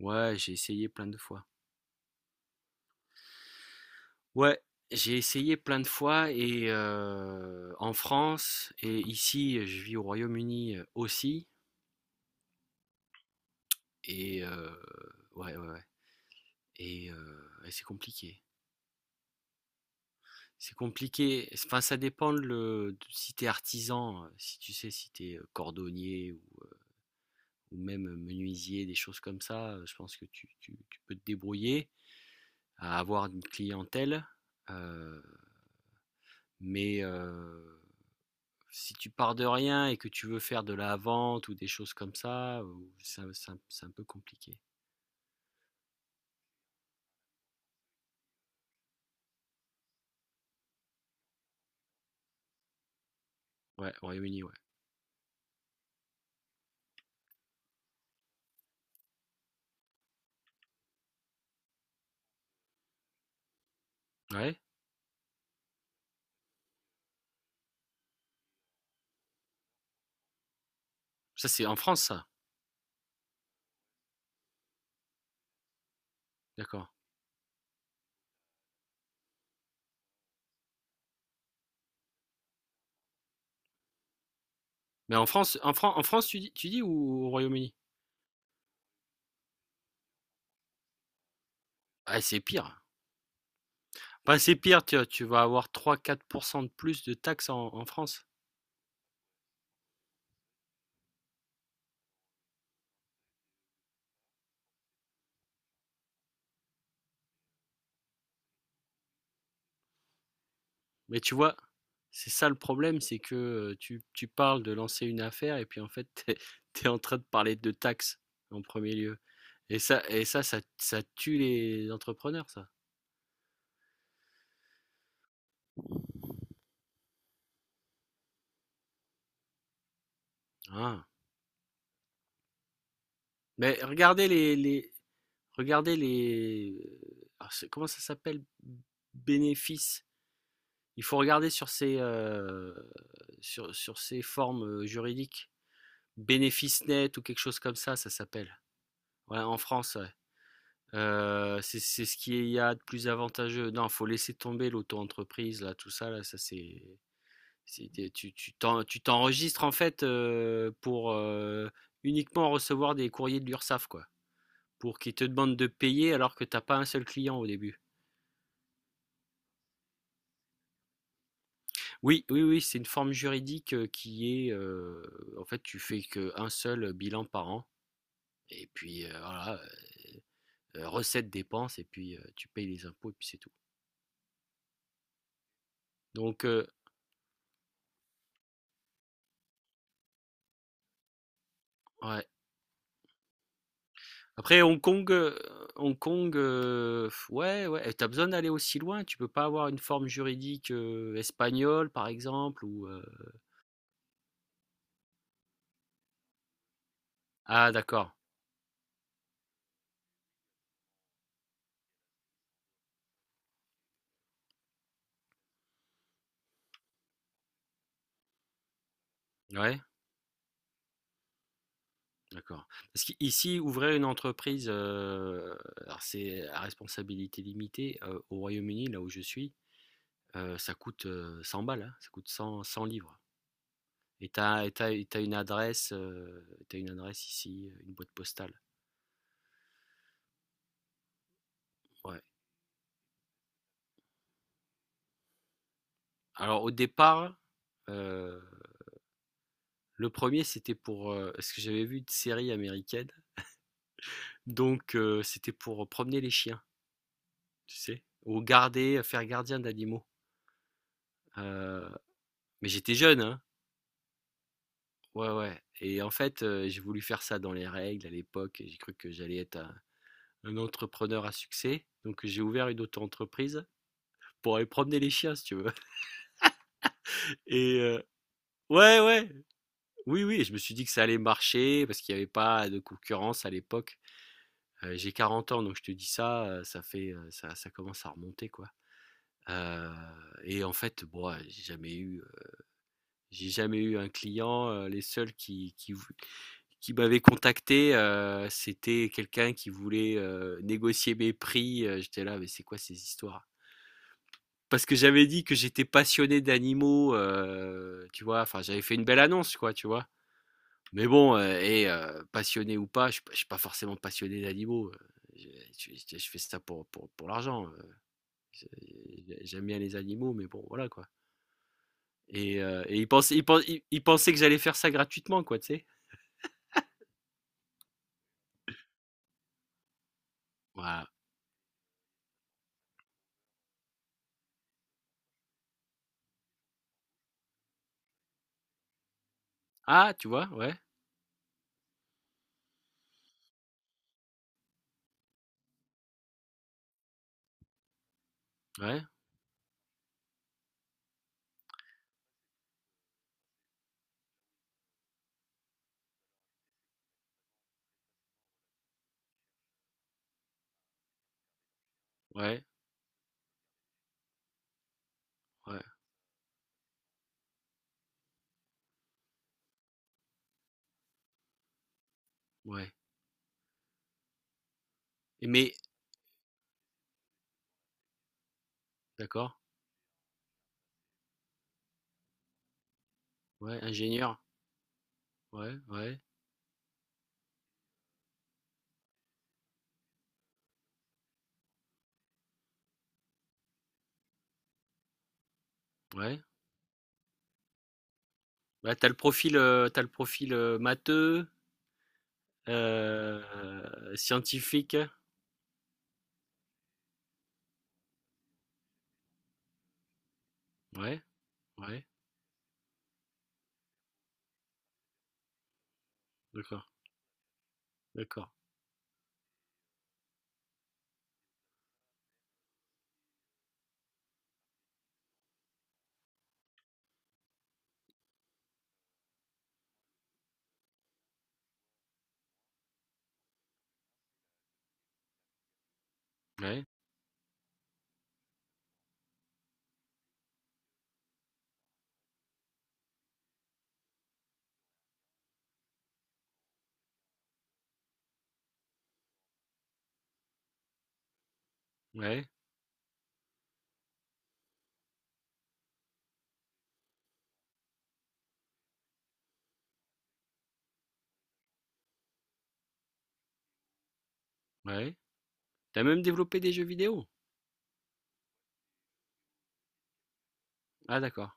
Ouais, j'ai essayé plein de fois. Ouais, j'ai essayé plein de fois et en France et ici, je vis au Royaume-Uni aussi. Et ouais. Et, c'est compliqué. C'est compliqué. Enfin, ça dépend si t'es artisan, si tu sais, si t'es cordonnier ou même menuisier, des choses comme ça. Je pense que tu peux te débrouiller à avoir une clientèle. Euh, mais si tu pars de rien et que tu veux faire de la vente ou des choses comme ça, c'est un peu compliqué. Ouais, au Royaume-Uni, ouais. Ouais, ça c'est en France, ça. D'accord. Mais en France, tu dis ou au Royaume-Uni? Ah, c'est pire. Enfin, c'est pire, tu vas avoir 3-4% de plus de taxes en France. Mais tu vois, c'est ça le problème, c'est que tu parles de lancer une affaire et puis en fait, t'es en train de parler de taxes en premier lieu. Et ça, ça, ça tue les entrepreneurs, ça. Ah. Mais regardez les ah, c'est- comment ça s'appelle? Bénéfices. Il faut regarder sur ces sur ces formes juridiques. Bénéfice net ou quelque chose comme ça s'appelle. Ouais, en France, ouais. C'est ce qu'il y a de plus avantageux. Non, faut laisser tomber l'auto-entreprise, là, tout ça, là, ça c'est. Tu t'enregistres en fait pour uniquement recevoir des courriers de l'URSSAF, quoi. Pour qu'ils te demandent de payer alors que t'as pas un seul client au début. Oui, oui, oui, c'est une forme juridique qui est, en fait, tu fais qu'un seul bilan par an, et puis voilà, recettes, dépenses, et puis tu payes les impôts, et puis c'est tout. Donc, ouais. Après, Hong Kong, ouais, t'as besoin d'aller aussi loin, tu peux pas avoir une forme juridique espagnole, par exemple, ou... Ah, d'accord, ouais. D'accord. Parce qu'ici, ouvrir une entreprise, alors c'est à responsabilité limitée, au Royaume-Uni, là où je suis, ça coûte, 100 balles, hein, ça coûte 100-100 £. Et t'as, as et tu une adresse ici, une boîte postale. Ouais. Alors au départ, heu, le premier c'était pour, parce que j'avais vu une série américaine, donc c'était pour promener les chiens, tu sais? Ou garder, faire gardien d'animaux. Heu, mais j'étais jeune, hein. Ouais. Et en fait, j'ai voulu faire ça dans les règles à l'époque. J'ai cru que j'allais être un entrepreneur à succès. Donc, j'ai ouvert une auto-entreprise pour aller promener les chiens, si tu veux. Et euh, ouais, ouais. Oui, oui. Je me suis dit que ça allait marcher parce qu'il n'y avait pas de concurrence à l'époque. J'ai 40 ans, donc je te dis ça, ça fait, ça commence à remonter, quoi. Euh, et en fait, bon, ouais, J'ai jamais eu un client. Les seuls qui, vou- qui m'avaient contacté, c'était quelqu'un qui voulait négocier mes prix. J'étais là, mais c'est quoi ces histoires? Parce que j'avais dit que j'étais passionné d'animaux, tu vois. Enfin, j'avais fait une belle annonce, quoi, tu vois. Mais bon, passionné ou pas, je suis pas forcément passionné d'animaux. Je fais ça pour l'argent. J'aime bien les animaux, mais bon, voilà, quoi. Et il pensait, il pen- il pensait que j'allais faire ça gratuitement, quoi, tu sais. Voilà. Ah, tu vois? Ouais, ouais, ouais, ouais, ouais, et mais d'accord, ouais, ingénieur, ouais, ouais, ouais. Bah, tu le profil, matheux, heu, scientifique. Ouais, ouais, d'accord, d'accord. Ouais, ouais, ouais. T'as même développé des jeux vidéo? Ah d'accord.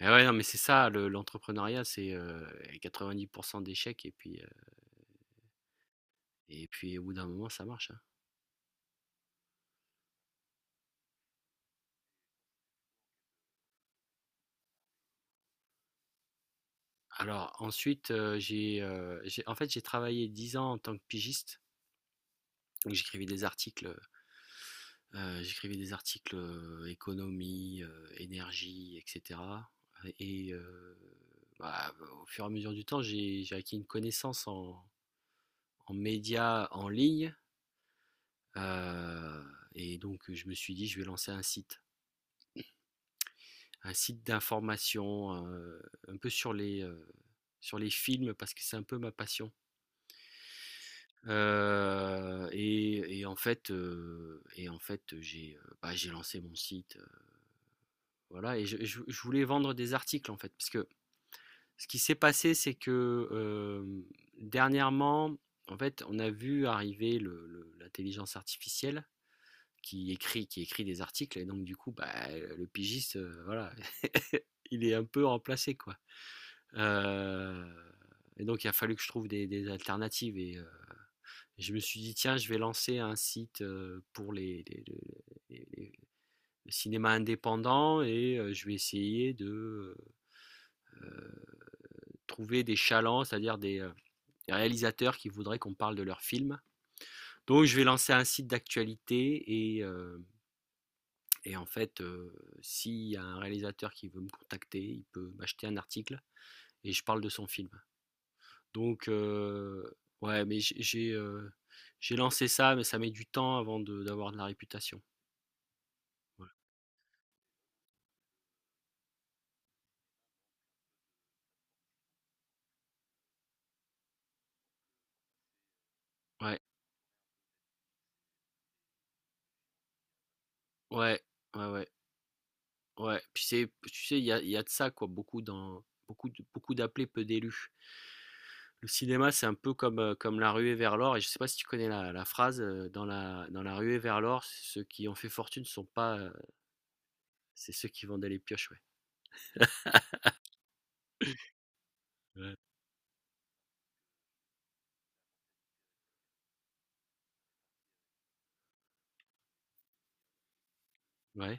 Ah ouais, non, mais c'est ça le l'entrepreneuriat, c'est, 90 d'échecs et puis au bout d'un moment, ça marche, hein. Alors ensuite, j'ai travaillé 10 ans en tant que pigiste. Donc j'écrivais des articles, économie, énergie et cetera et bah, au fur et à mesure du temps, j'ai acquis une connaissance en en médias en ligne, heu et donc je me suis dit: «Je vais lancer un site». Un site d'information, un peu sur les films parce que c'est un peu ma passion. Et en fait, J'ai, bah, j'ai lancé mon site, voilà et je voulais vendre des articles, en fait. Parce que ce qui s'est passé, c'est que, hem, dernièrement, en fait, on a vu arriver le l'intelligence artificielle qui écrit des articles et donc du coup, bah, le pigiste, voilà, il est un peu remplacé, quoi. Heu et donc il a fallu que je trouve des alternatives et je me suis dit, tiens, je vais lancer un site pour les- les- le cinéma indépendant et je vais essayer de euh, trouver des chalands, c'est-à-dire des réalisateurs qui voudraient qu'on parle de leurs films. Donc, je vais lancer un site d'actualité et, en fait, s'il y a un réalisateur qui veut me contacter, il peut m'acheter un article et je parle de son film. Donc, ouais, mais j'ai lancé ça, mais ça met du temps d'avoir de la réputation. Voilà. Ouais. Ouais, ouais, ouais, ouais. Puis c'est, tu sais, il y a de ça, quoi, beaucoup dans, beaucoup de- beaucoup d'appelés, peu d'élus. Le cinéma, c'est un peu comme, comme la ruée vers l'or, et je sais pas si tu connais la phrase, dans la ruée vers l'or, ceux qui ont fait fortune sont pas, c'est ceux qui vendaient les pioches, ouais. Ouais. Ouais,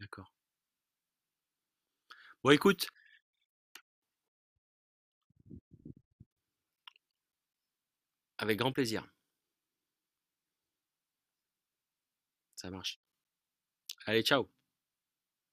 d'accord. Bon, écoute, avec grand plaisir, ça marche. Allez, ciao.